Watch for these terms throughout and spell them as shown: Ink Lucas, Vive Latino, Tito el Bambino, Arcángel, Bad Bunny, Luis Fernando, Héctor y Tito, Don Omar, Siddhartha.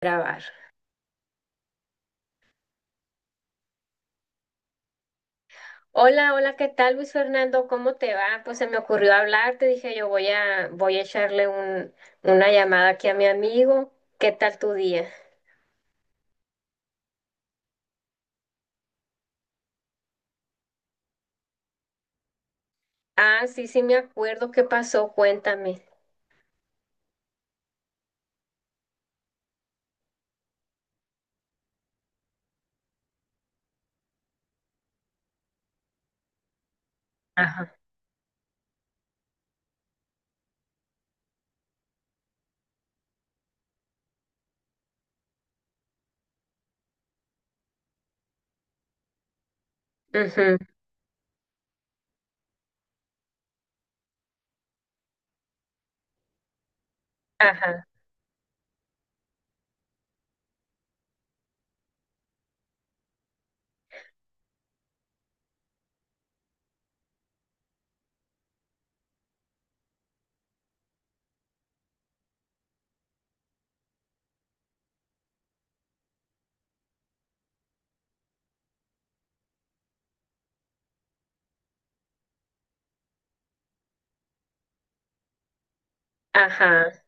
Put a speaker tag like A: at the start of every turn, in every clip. A: Grabar. Hola, hola, ¿qué tal Luis Fernando? ¿Cómo te va? Pues se me ocurrió hablarte, dije yo voy a echarle una llamada aquí a mi amigo. ¿Qué tal tu día? Ah, sí, sí me acuerdo, qué pasó, cuéntame. Ajá. Ujú. Ajá, ajá.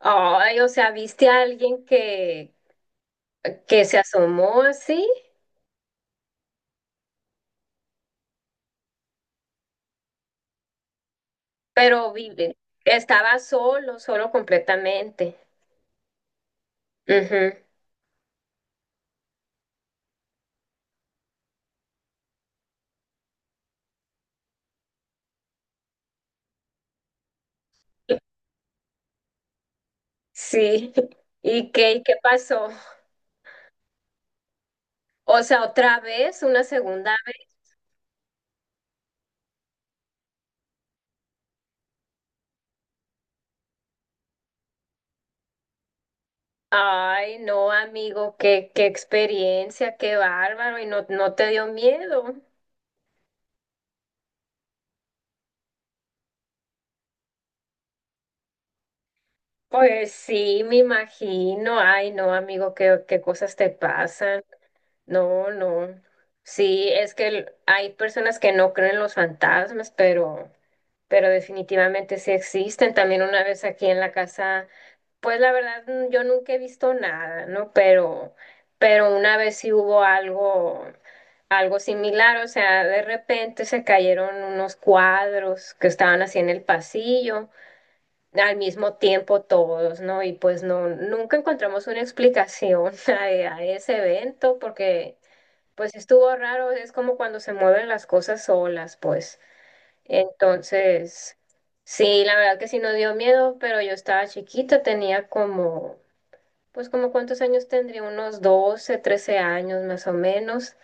A: Ay, o sea, ¿viste a alguien que se asomó así? Pero vive, estaba solo, solo completamente. Ujú. Sí. ¿Y qué pasó? O sea, otra vez, una segunda vez. Ay, no, amigo, qué experiencia, qué bárbaro. ¿Y no te dio miedo? Pues sí, me imagino. Ay, no, amigo, qué cosas te pasan. No, no. Sí, es que hay personas que no creen en los fantasmas, pero definitivamente sí existen. También una vez aquí en la casa. Pues la verdad, yo nunca he visto nada, ¿no? Pero una vez sí hubo algo, algo similar. O sea, de repente se cayeron unos cuadros que estaban así en el pasillo, al mismo tiempo todos, ¿no? Y pues no, nunca encontramos una explicación a ese evento, porque pues estuvo raro, es como cuando se mueven las cosas solas, pues. Entonces, sí, la verdad que sí nos dio miedo, pero yo estaba chiquita, tenía como, pues como cuántos años tendría, unos 12, 13 años más o menos.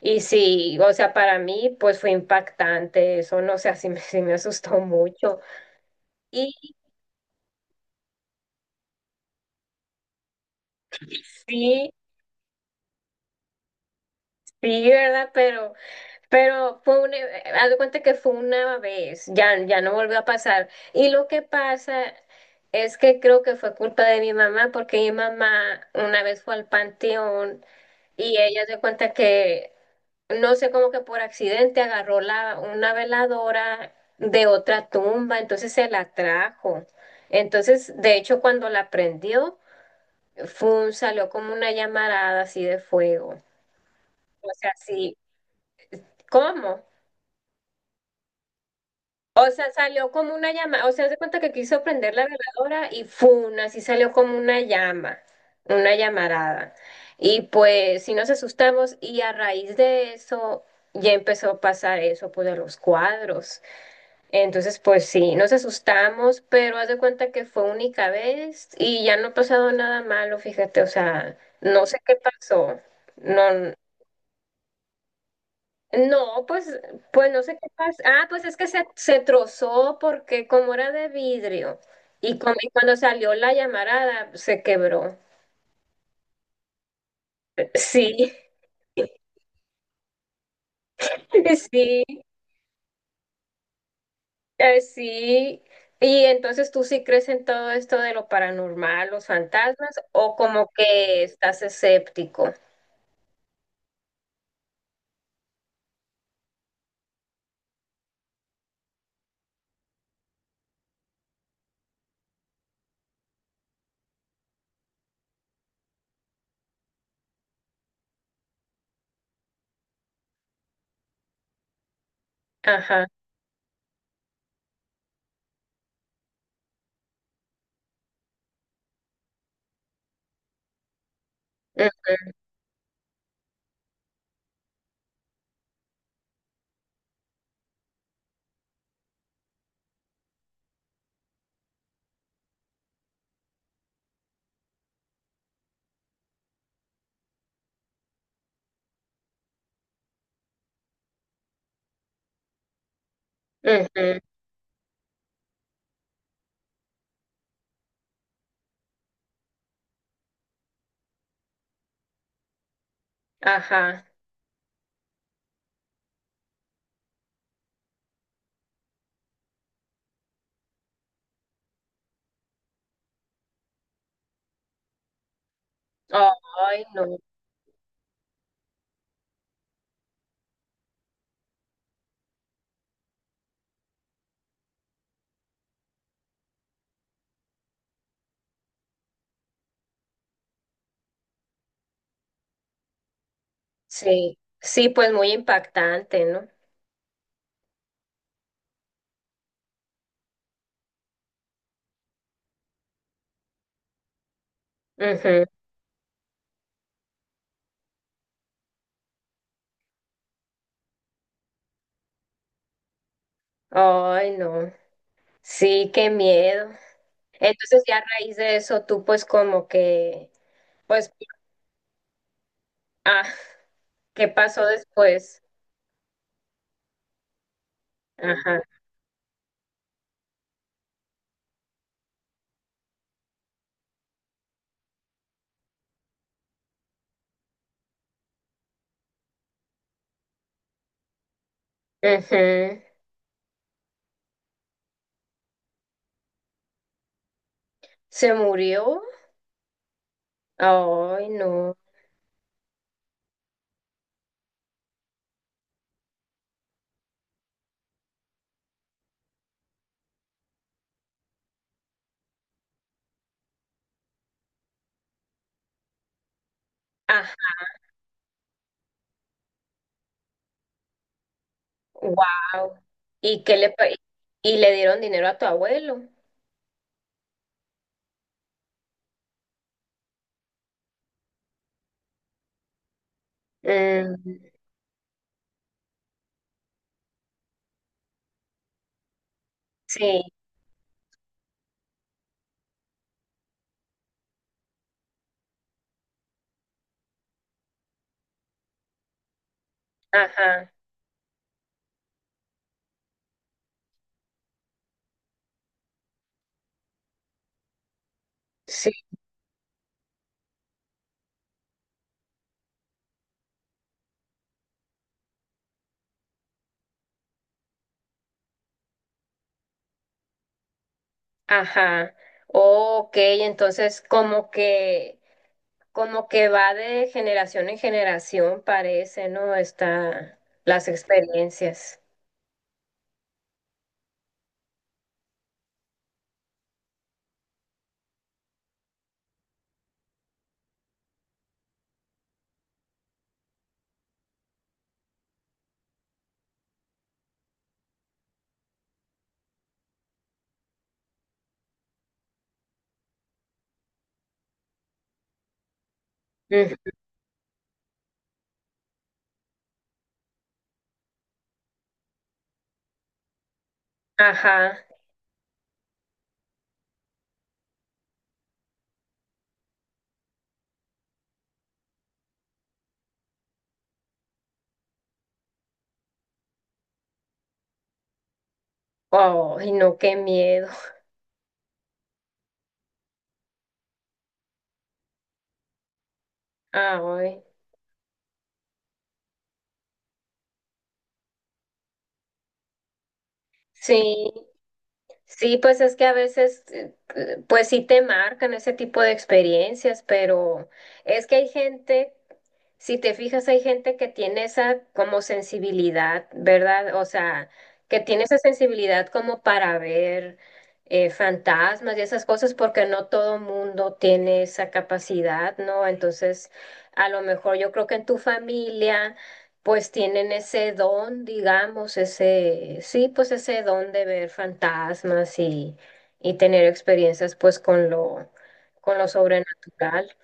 A: Y sí, o sea, para mí pues fue impactante eso, no sé, así me, sí me asustó mucho. Y sí, sí, ¿verdad? Pero fue una, haz de cuenta que fue una vez, ya, ya no volvió a pasar. Y lo que pasa es que creo que fue culpa de mi mamá, porque mi mamá una vez fue al panteón. Y ella se cuenta que no sé, como que por accidente agarró la, una veladora de otra tumba, entonces se la trajo. Entonces, de hecho, cuando la prendió, fue, salió como una llamarada así de fuego. O sea, sí, ¿cómo? O sea, salió como una llama, o sea, se cuenta que quiso prender la veladora y fun, así salió como una llama, una llamarada. Y pues sí nos asustamos y a raíz de eso ya empezó a pasar eso, pues de los cuadros. Entonces, pues sí, nos asustamos, pero haz de cuenta que fue única vez y ya no ha pasado nada malo, fíjate, o sea, no sé qué pasó. No, no, pues, pues no sé qué pasó. Ah, pues es que se trozó porque como era de vidrio y y cuando salió la llamarada se quebró. Sí, sí, sí. Y entonces tú sí crees en todo esto de lo paranormal, los fantasmas, o como que estás escéptico. Ajá, ujú, ujú, ajá. Ay, no. Sí, sí, pues muy impactante, ¿no? Ujú. Ay, no. Sí, qué miedo. Entonces, ya a raíz de eso, tú pues como que, pues, ah, ¿qué pasó después? Ajá. Ujú. ¿Se murió? Ay, no. Ajá. Wow. ¿Y qué le dieron dinero a tu abuelo? Mm, sí, ajá. Sí. Ajá. Ok, entonces como que va de generación en generación, parece, ¿no? Está las experiencias. Ujú. Ajá. Ay, no, qué miedo. Ay, sí. Sí, pues es que a veces, pues sí te marcan ese tipo de experiencias, pero es que hay gente, si te fijas, hay gente que tiene esa como sensibilidad, ¿verdad? O sea, que tiene esa sensibilidad como para ver fantasmas y esas cosas, porque no todo mundo tiene esa capacidad, ¿no? Entonces, a lo mejor yo creo que en tu familia pues tienen ese don, digamos, ese, sí, pues ese don de ver fantasmas y tener experiencias pues con lo sobrenatural.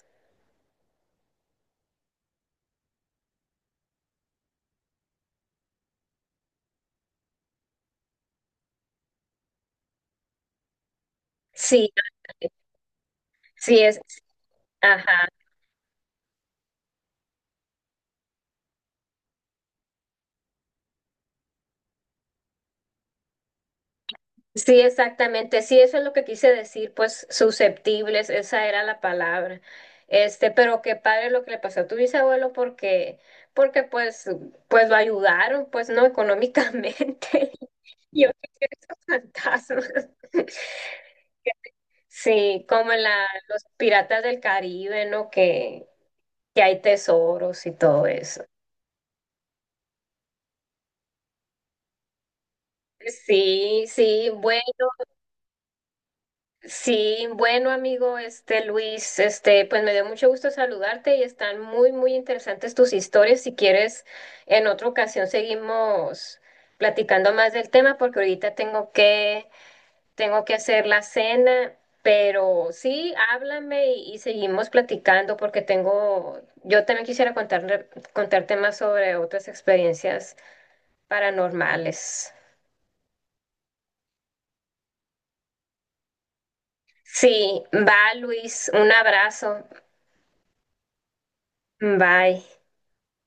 A: Sí, sí es, ajá, sí, exactamente, sí, eso es lo que quise decir, pues susceptibles, esa era la palabra. Este, pero qué padre lo que le pasó a tu bisabuelo porque, porque pues, pues lo ayudaron, pues, ¿no? Económicamente. Yo quisiera esos fantasmas. Sí, como en la, los piratas del Caribe, ¿no? Que hay tesoros y todo eso. Sí, sí, bueno, sí, bueno, amigo, este Luis, este, pues me dio mucho gusto saludarte y están muy, muy interesantes tus historias. Si quieres, en otra ocasión seguimos platicando más del tema porque ahorita tengo que tengo que hacer la cena, pero sí, háblame y seguimos platicando porque tengo, yo también quisiera contarte más sobre otras experiencias paranormales. Sí, va Luis, un abrazo, bye.